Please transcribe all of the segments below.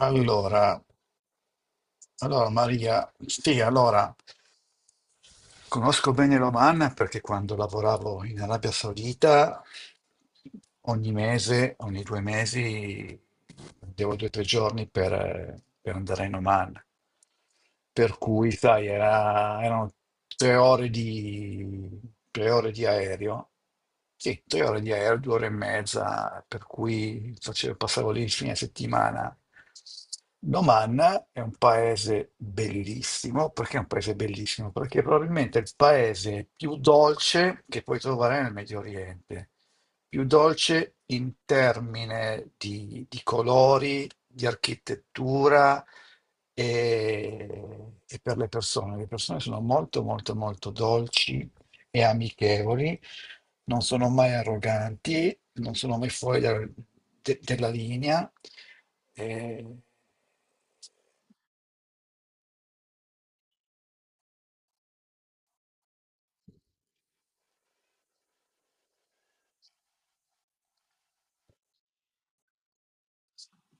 Allora, allora Maria, sì, allora conosco bene l'Oman perché quando lavoravo in Arabia Saudita ogni mese, ogni due mesi, devo 2 o 3 giorni per andare in Oman. Per cui, sai, erano tre ore di, tre ore di aereo. Sì, 3 ore di aereo, 2 ore e mezza, per cui facevo, passavo lì il fine settimana. L'Oman è un paese bellissimo. Perché è un paese bellissimo? Perché è probabilmente il paese più dolce che puoi trovare nel Medio Oriente, più dolce in termini di colori, di architettura e per le persone. Le persone sono molto, molto, molto dolci e amichevoli, non sono mai arroganti, non sono mai fuori della linea. eh,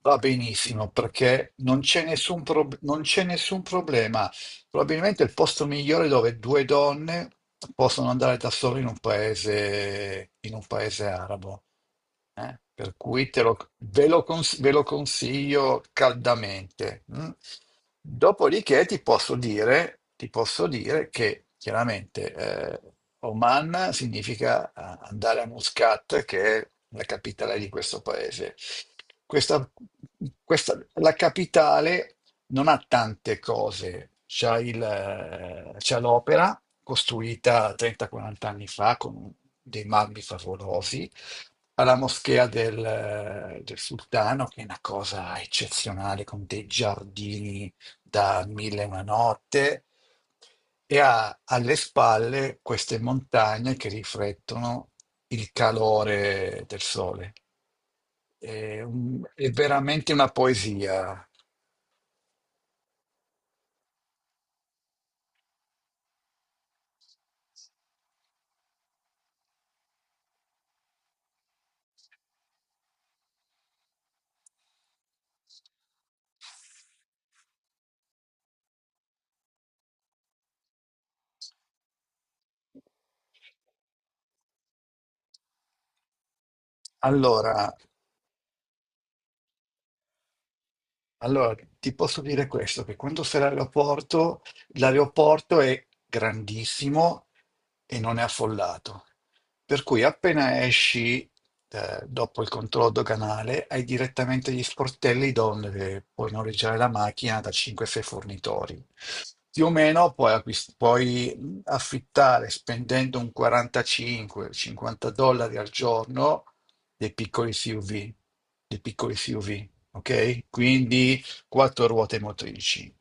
Va benissimo perché non c'è nessun problema. Probabilmente è il posto migliore dove due donne possono andare da sole in un paese arabo. Per cui te lo- ve lo, cons- ve lo consiglio caldamente. Mm. Dopodiché ti posso dire che chiaramente Oman significa andare a Muscat, che è la capitale di questo paese. Questa, la capitale non ha tante cose. C'ha l'opera costruita 30-40 anni fa con dei marmi favolosi alla moschea del sultano, che è una cosa eccezionale, con dei giardini da mille e una notte, e ha alle spalle queste montagne che riflettono il calore del sole. È veramente una poesia. Allora, Allora, ti posso dire questo, che quando sei all'aeroporto, l'aeroporto è grandissimo e non è affollato. Per cui appena esci, dopo il controllo doganale, hai direttamente gli sportelli dove puoi noleggiare la macchina da 5-6 fornitori. Più o meno puoi affittare spendendo un 45-50 dollari al giorno dei piccoli SUV, dei piccoli SUV, ok? Quindi quattro ruote motrici.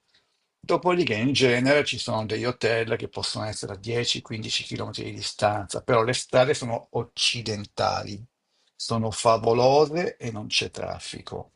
Dopodiché in genere ci sono degli hotel che possono essere a 10-15 km di distanza, però le strade sono occidentali, sono favolose e non c'è traffico.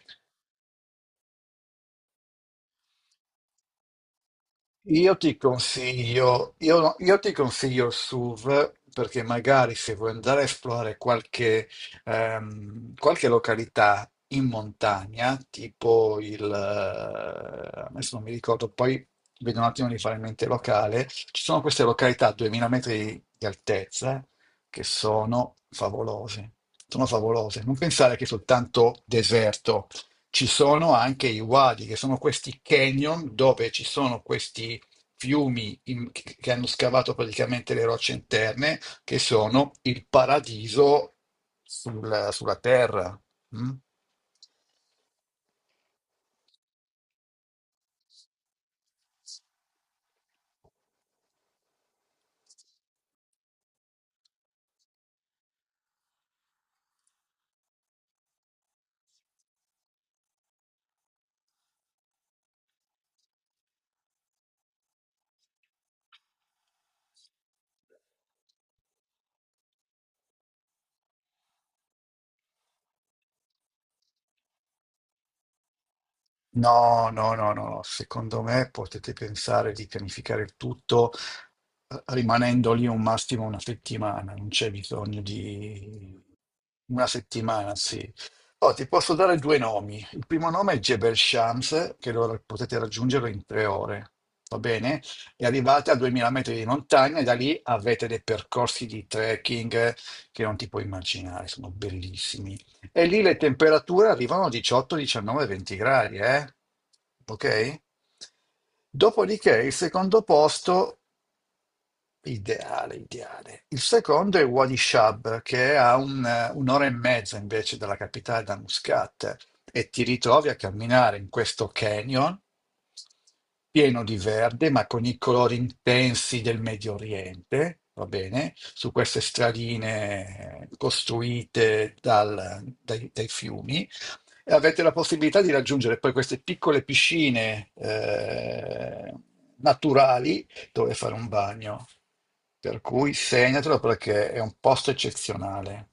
Io ti consiglio il SUV perché magari se vuoi andare a esplorare qualche località in montagna, tipo adesso non mi ricordo, poi vedo un attimo di fare in mente il locale. Ci sono queste località a 2000 metri di altezza che sono favolose, sono favolose. Non pensare che è soltanto deserto. Ci sono anche i wadi, che sono questi canyon dove ci sono questi fiumi che hanno scavato praticamente le rocce interne, che sono il paradiso sulla terra. Mm? No, no, no, no, no. Secondo me potete pensare di pianificare il tutto rimanendo lì un massimo una settimana, non c'è bisogno di una settimana, sì. Oh, ti posso dare due nomi. Il primo nome è Jebel Shams, che potete raggiungere in 3 ore, va bene? E arrivate a 2000 metri di montagna e da lì avete dei percorsi di trekking che non ti puoi immaginare, sono bellissimi. E lì le temperature arrivano a 18, 19, 20 gradi, eh? Ok? Dopodiché il secondo posto Ideale, ideale. Il secondo è Wadi Shab, che è a un'ora e mezza invece dalla capitale, da Muscat, e ti ritrovi a camminare in questo canyon pieno di verde, ma con i colori intensi del Medio Oriente, va bene? Su queste stradine costruite dai fiumi. E avete la possibilità di raggiungere poi queste piccole piscine naturali dove fare un bagno. Per cui segnatelo perché è un posto eccezionale.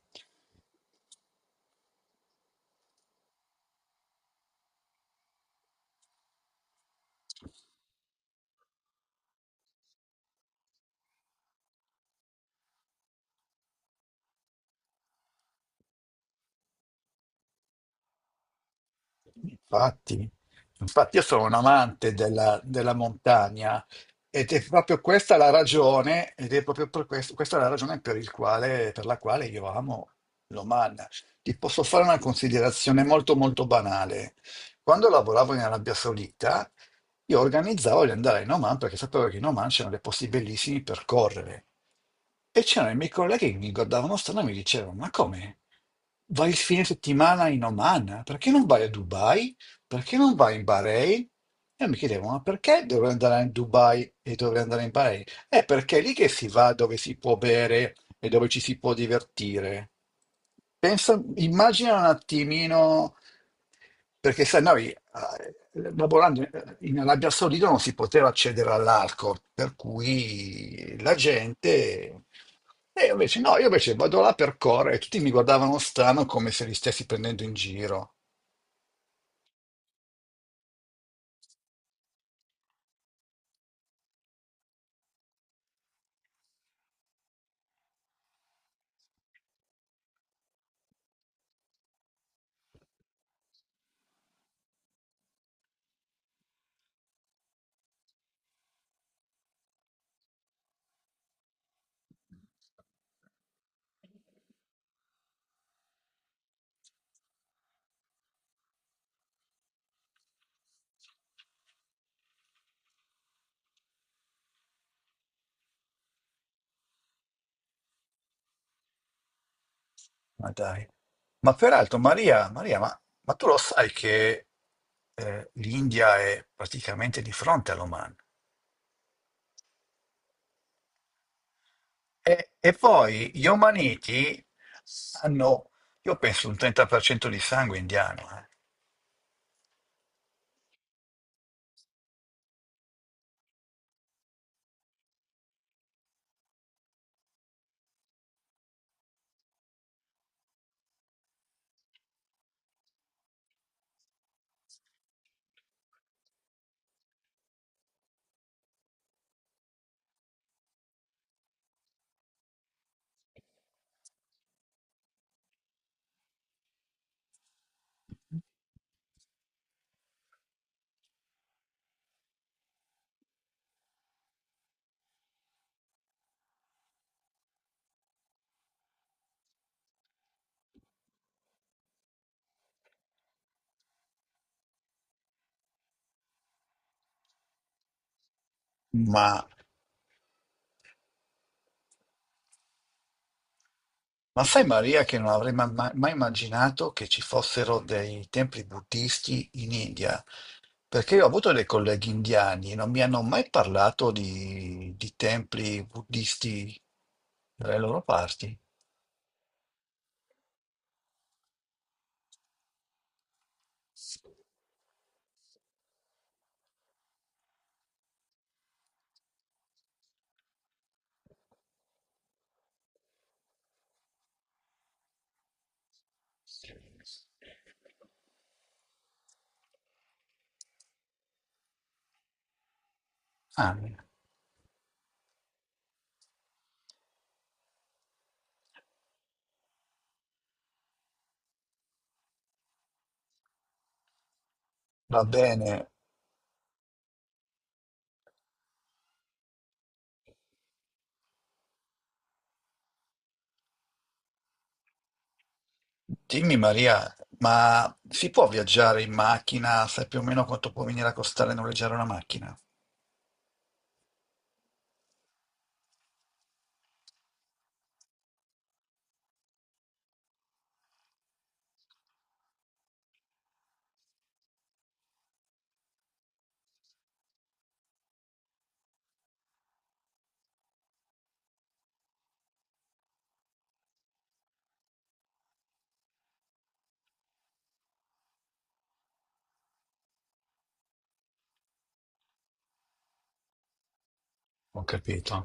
Infatti, infatti, io sono un amante della montagna ed è proprio questa la ragione, ed è proprio per questo, questa è la ragione per il quale, per la quale io amo l'Oman. Ti posso fare una considerazione molto molto banale. Quando lavoravo in Arabia Saudita, io organizzavo di andare in Oman perché sapevo che in Oman c'erano dei posti bellissimi per correre. E c'erano i miei colleghi che mi guardavano strano e mi dicevano: Ma come? Vai il fine settimana in Oman? Perché non vai a Dubai? Perché non vai in Bahrain? E mi chiedevo: Ma perché dovrei andare in Dubai e dovrei andare in Bahrain? È perché è lì che si va dove si può bere e dove ci si può divertire. Pensa, immagina un attimino perché sai, noi lavorando in Arabia Saudita non si poteva accedere all'arco, per cui la gente... E io invece no, io invece vado là per correre e tutti mi guardavano strano come se li stessi prendendo in giro. Ma dai. Ma peraltro, Maria, tu lo sai che l'India è praticamente di fronte all'Oman? E poi gli omaniti hanno, io penso, un 30% di sangue indiano, eh. Ma Ma sai, Maria, che non avrei mai immaginato che ci fossero dei templi buddisti in India, perché io ho avuto dei colleghi indiani e non mi hanno mai parlato di templi buddisti dalle loro parti. Ah, va bene, dimmi Maria, ma si può viaggiare in macchina? Sai più o meno quanto può venire a costare noleggiare una macchina? Ho capito.